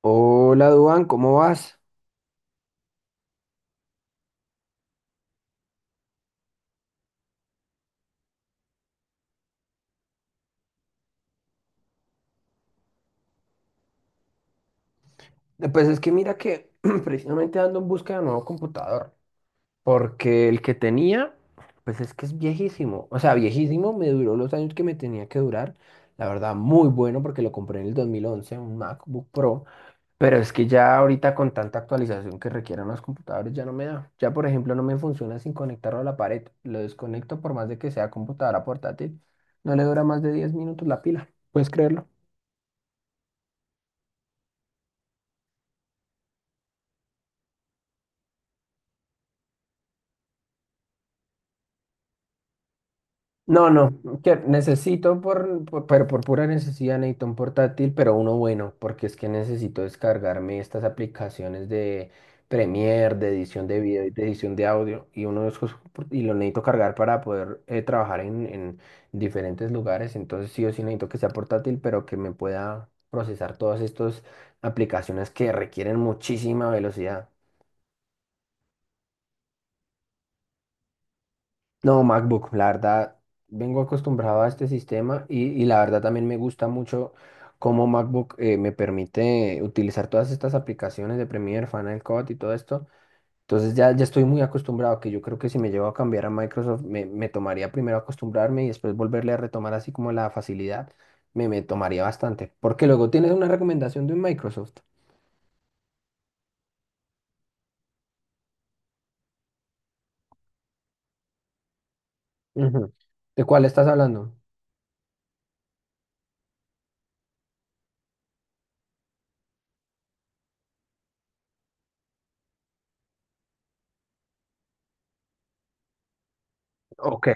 Hola, Duan, ¿cómo vas? Pues es que mira que precisamente ando en busca de un nuevo computador, porque el que tenía, pues es que es viejísimo, o sea, viejísimo, me duró los años que me tenía que durar, la verdad, muy bueno porque lo compré en el 2011, un MacBook Pro, pero es que ya ahorita con tanta actualización que requieren los computadores ya no me da, ya por ejemplo no me funciona sin conectarlo a la pared, lo desconecto por más de que sea computadora portátil, no le dura más de 10 minutos la pila, ¿puedes creerlo? No, no, que necesito pero por pura necesidad necesito un portátil, pero uno bueno, porque es que necesito descargarme estas aplicaciones de Premiere, de edición de video y de edición de audio, y uno de esos, por- y lo necesito cargar para poder trabajar en diferentes lugares, entonces sí o sí necesito que sea portátil, pero que me pueda procesar todas estas aplicaciones que requieren muchísima velocidad. No, MacBook, la verdad, vengo acostumbrado a este sistema y la verdad también me gusta mucho cómo MacBook me permite utilizar todas estas aplicaciones de Premiere, Final Cut y todo esto. Entonces ya estoy muy acostumbrado, que yo creo que si me llevo a cambiar a Microsoft, me tomaría primero acostumbrarme y después volverle a retomar así como la facilidad, me tomaría bastante. Porque luego tienes una recomendación de un Microsoft. Ujú. ¿De cuál estás hablando? Ok.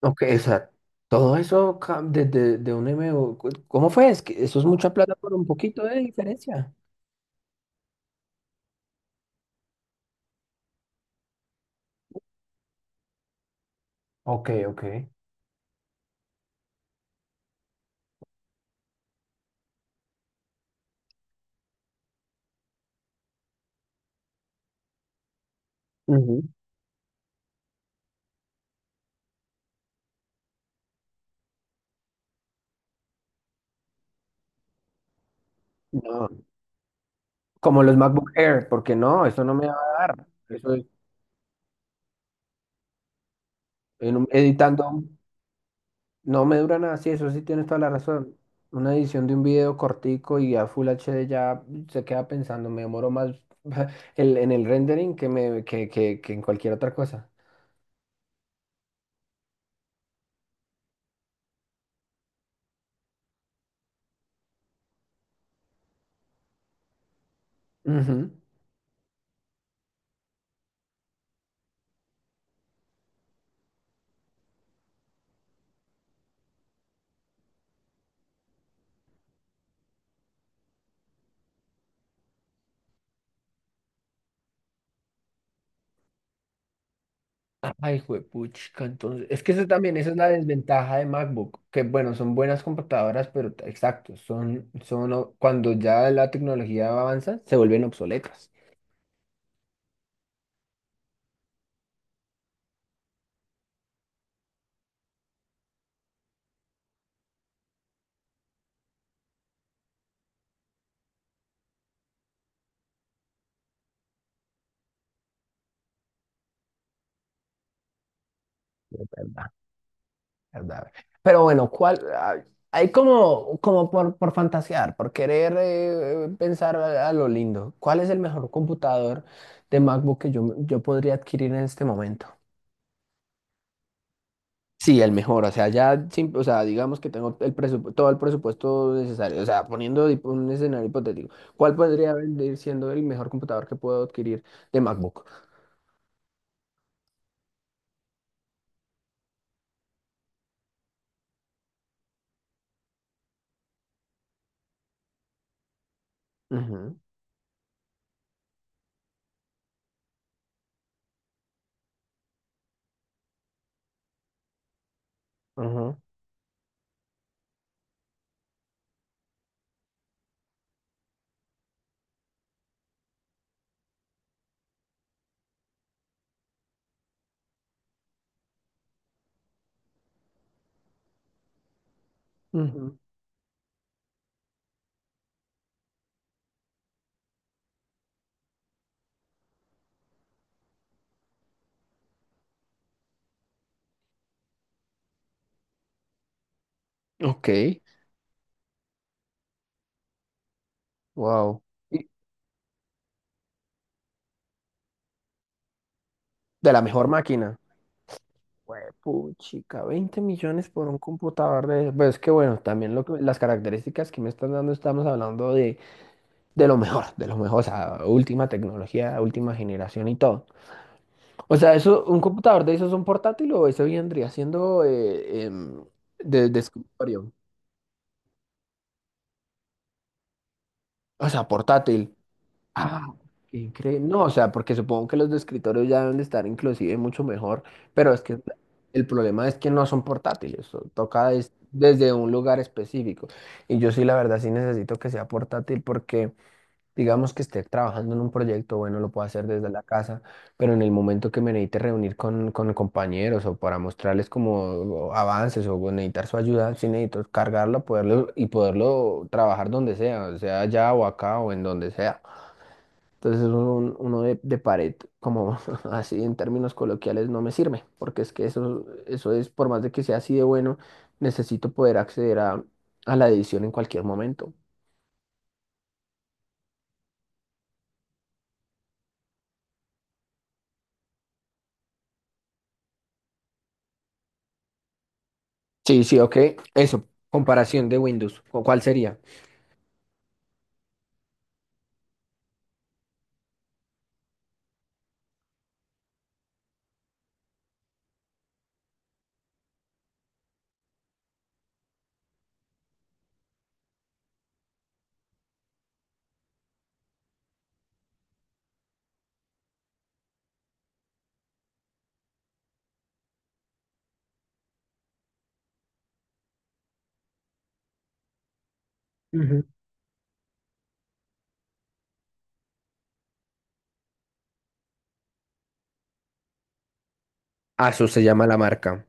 Ok, o sea, todo eso ca- de un MBO, cu- ¿cómo fue? Es que eso es mucha plata por un poquito de diferencia. Ok, ok. Ujú. No, como los MacBook Air, porque no, eso no me va a dar. Eso es, en un- editando no me dura nada, sí, eso sí tienes toda la razón. Una edición de un video cortico y a Full HD ya se queda pensando, me demoro más el- en el rendering que, me, que en cualquier otra cosa. Ujú. Ay, juepuchica, entonces, es que eso también, esa es la desventaja de MacBook, que bueno, son buenas computadoras, pero t- exacto, o- cuando ya la tecnología avanza, se vuelven obsoletas. Es verdad, es verdad. Pero bueno, ¿cuál? Ah, hay como, como por fantasear, por querer pensar a lo lindo. ¿Cuál es el mejor computador de MacBook que yo podría adquirir en este momento? Sí, el mejor, o sea, ya, sim- o sea, digamos que tengo el presupu- todo el presupuesto necesario, o sea, poniendo hip- un escenario hipotético, ¿cuál podría venir siendo el mejor computador que puedo adquirir de MacBook? Ujú, ujú, ujú. Ok, wow. Y de la mejor máquina. Puchica, 20 millones por un computador de... Pues que bueno, también lo que- las características que me están dando, estamos hablando de lo mejor, o sea, última tecnología, última generación y todo. O sea, eso, un computador de esos es un portátil o eso vendría siendo de escritorio. O sea, portátil. Ah, qué increíble. No, o sea, porque supongo que los de escritorio ya deben de estar inclusive mucho mejor, pero es que el problema es que no son portátiles, so- toca des- desde un lugar específico. Y yo sí, la verdad, sí necesito que sea portátil porque digamos que esté trabajando en un proyecto, bueno, lo puedo hacer desde la casa, pero en el momento que me necesite reunir con compañeros o para mostrarles como avances o necesitar su ayuda, sí necesito cargarlo, poderlo y poderlo trabajar donde sea, sea allá o acá o en donde sea. Entonces un- uno de pared, como así en términos coloquiales, no me sirve, porque es que eso es, por más de que sea así de bueno, necesito poder acceder a la edición en cualquier momento. Sí, sí, ok. Eso, comparación de Windows. ¿Cu- ¿cuál sería? Ujú. Asus se llama la marca.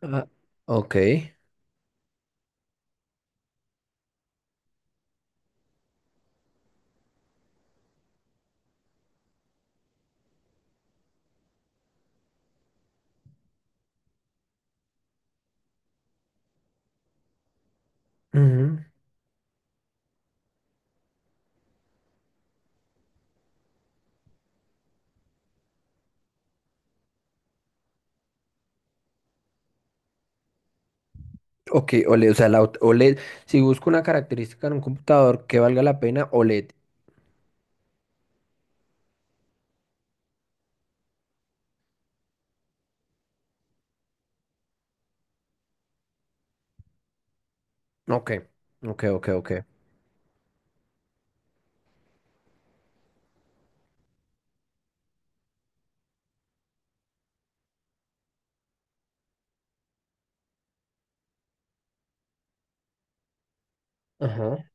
Ah, ok. Ujú. Ok, OLED, o sea, la ot- OLED. Si busco una característica en un computador que valga la pena, OLED. Ok, ok, ok, ok. Ajá,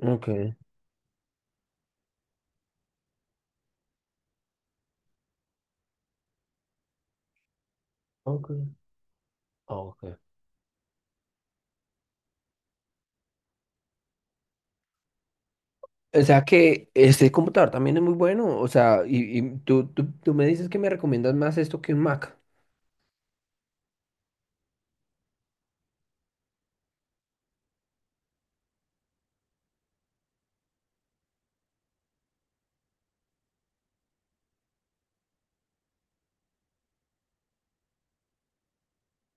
ok, ok, ok. O sea que este computador también es muy bueno. O sea, tú me dices que me recomiendas más esto que un Mac.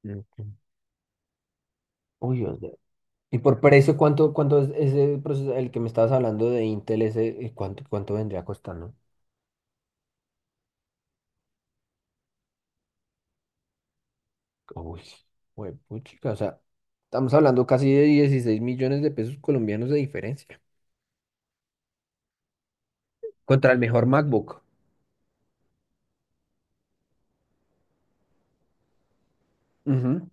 Ok. Uy, y por precio, ¿cuánto es ese proceso, el que me estabas hablando de Intel, ese, cuánto vendría costando? Uy, puchica, o sea, estamos hablando casi de 16 millones de pesos colombianos de diferencia. Contra el mejor MacBook. Ujú.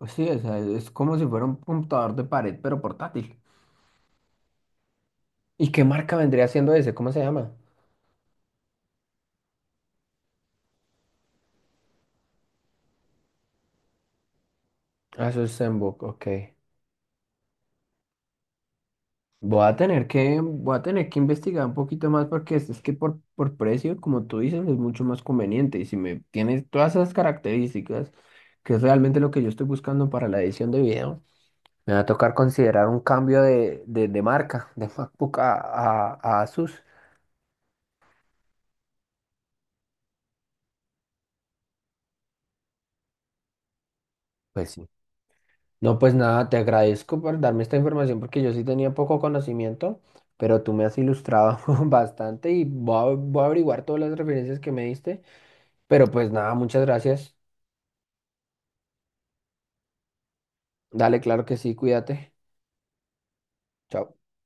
Pues sí, o sea, es como si fuera un computador de pared, pero portátil. ¿Y qué marca vendría siendo ese? ¿Cómo se llama? Ah, eso es Zenbook, ok. Voy a tener voy a tener que investigar un poquito más porque es que por precio, como tú dices, es mucho más conveniente. Y si me tienes todas esas características, que es realmente lo que yo estoy buscando para la edición de video, me va a tocar considerar un cambio de marca, de MacBook a Asus. Pues sí. No, pues nada, te agradezco por darme esta información porque yo sí tenía poco conocimiento, pero tú me has ilustrado bastante y voy voy a averiguar todas las referencias que me diste. Pero pues nada, muchas gracias. Dale, claro que sí, cuídate. Chao.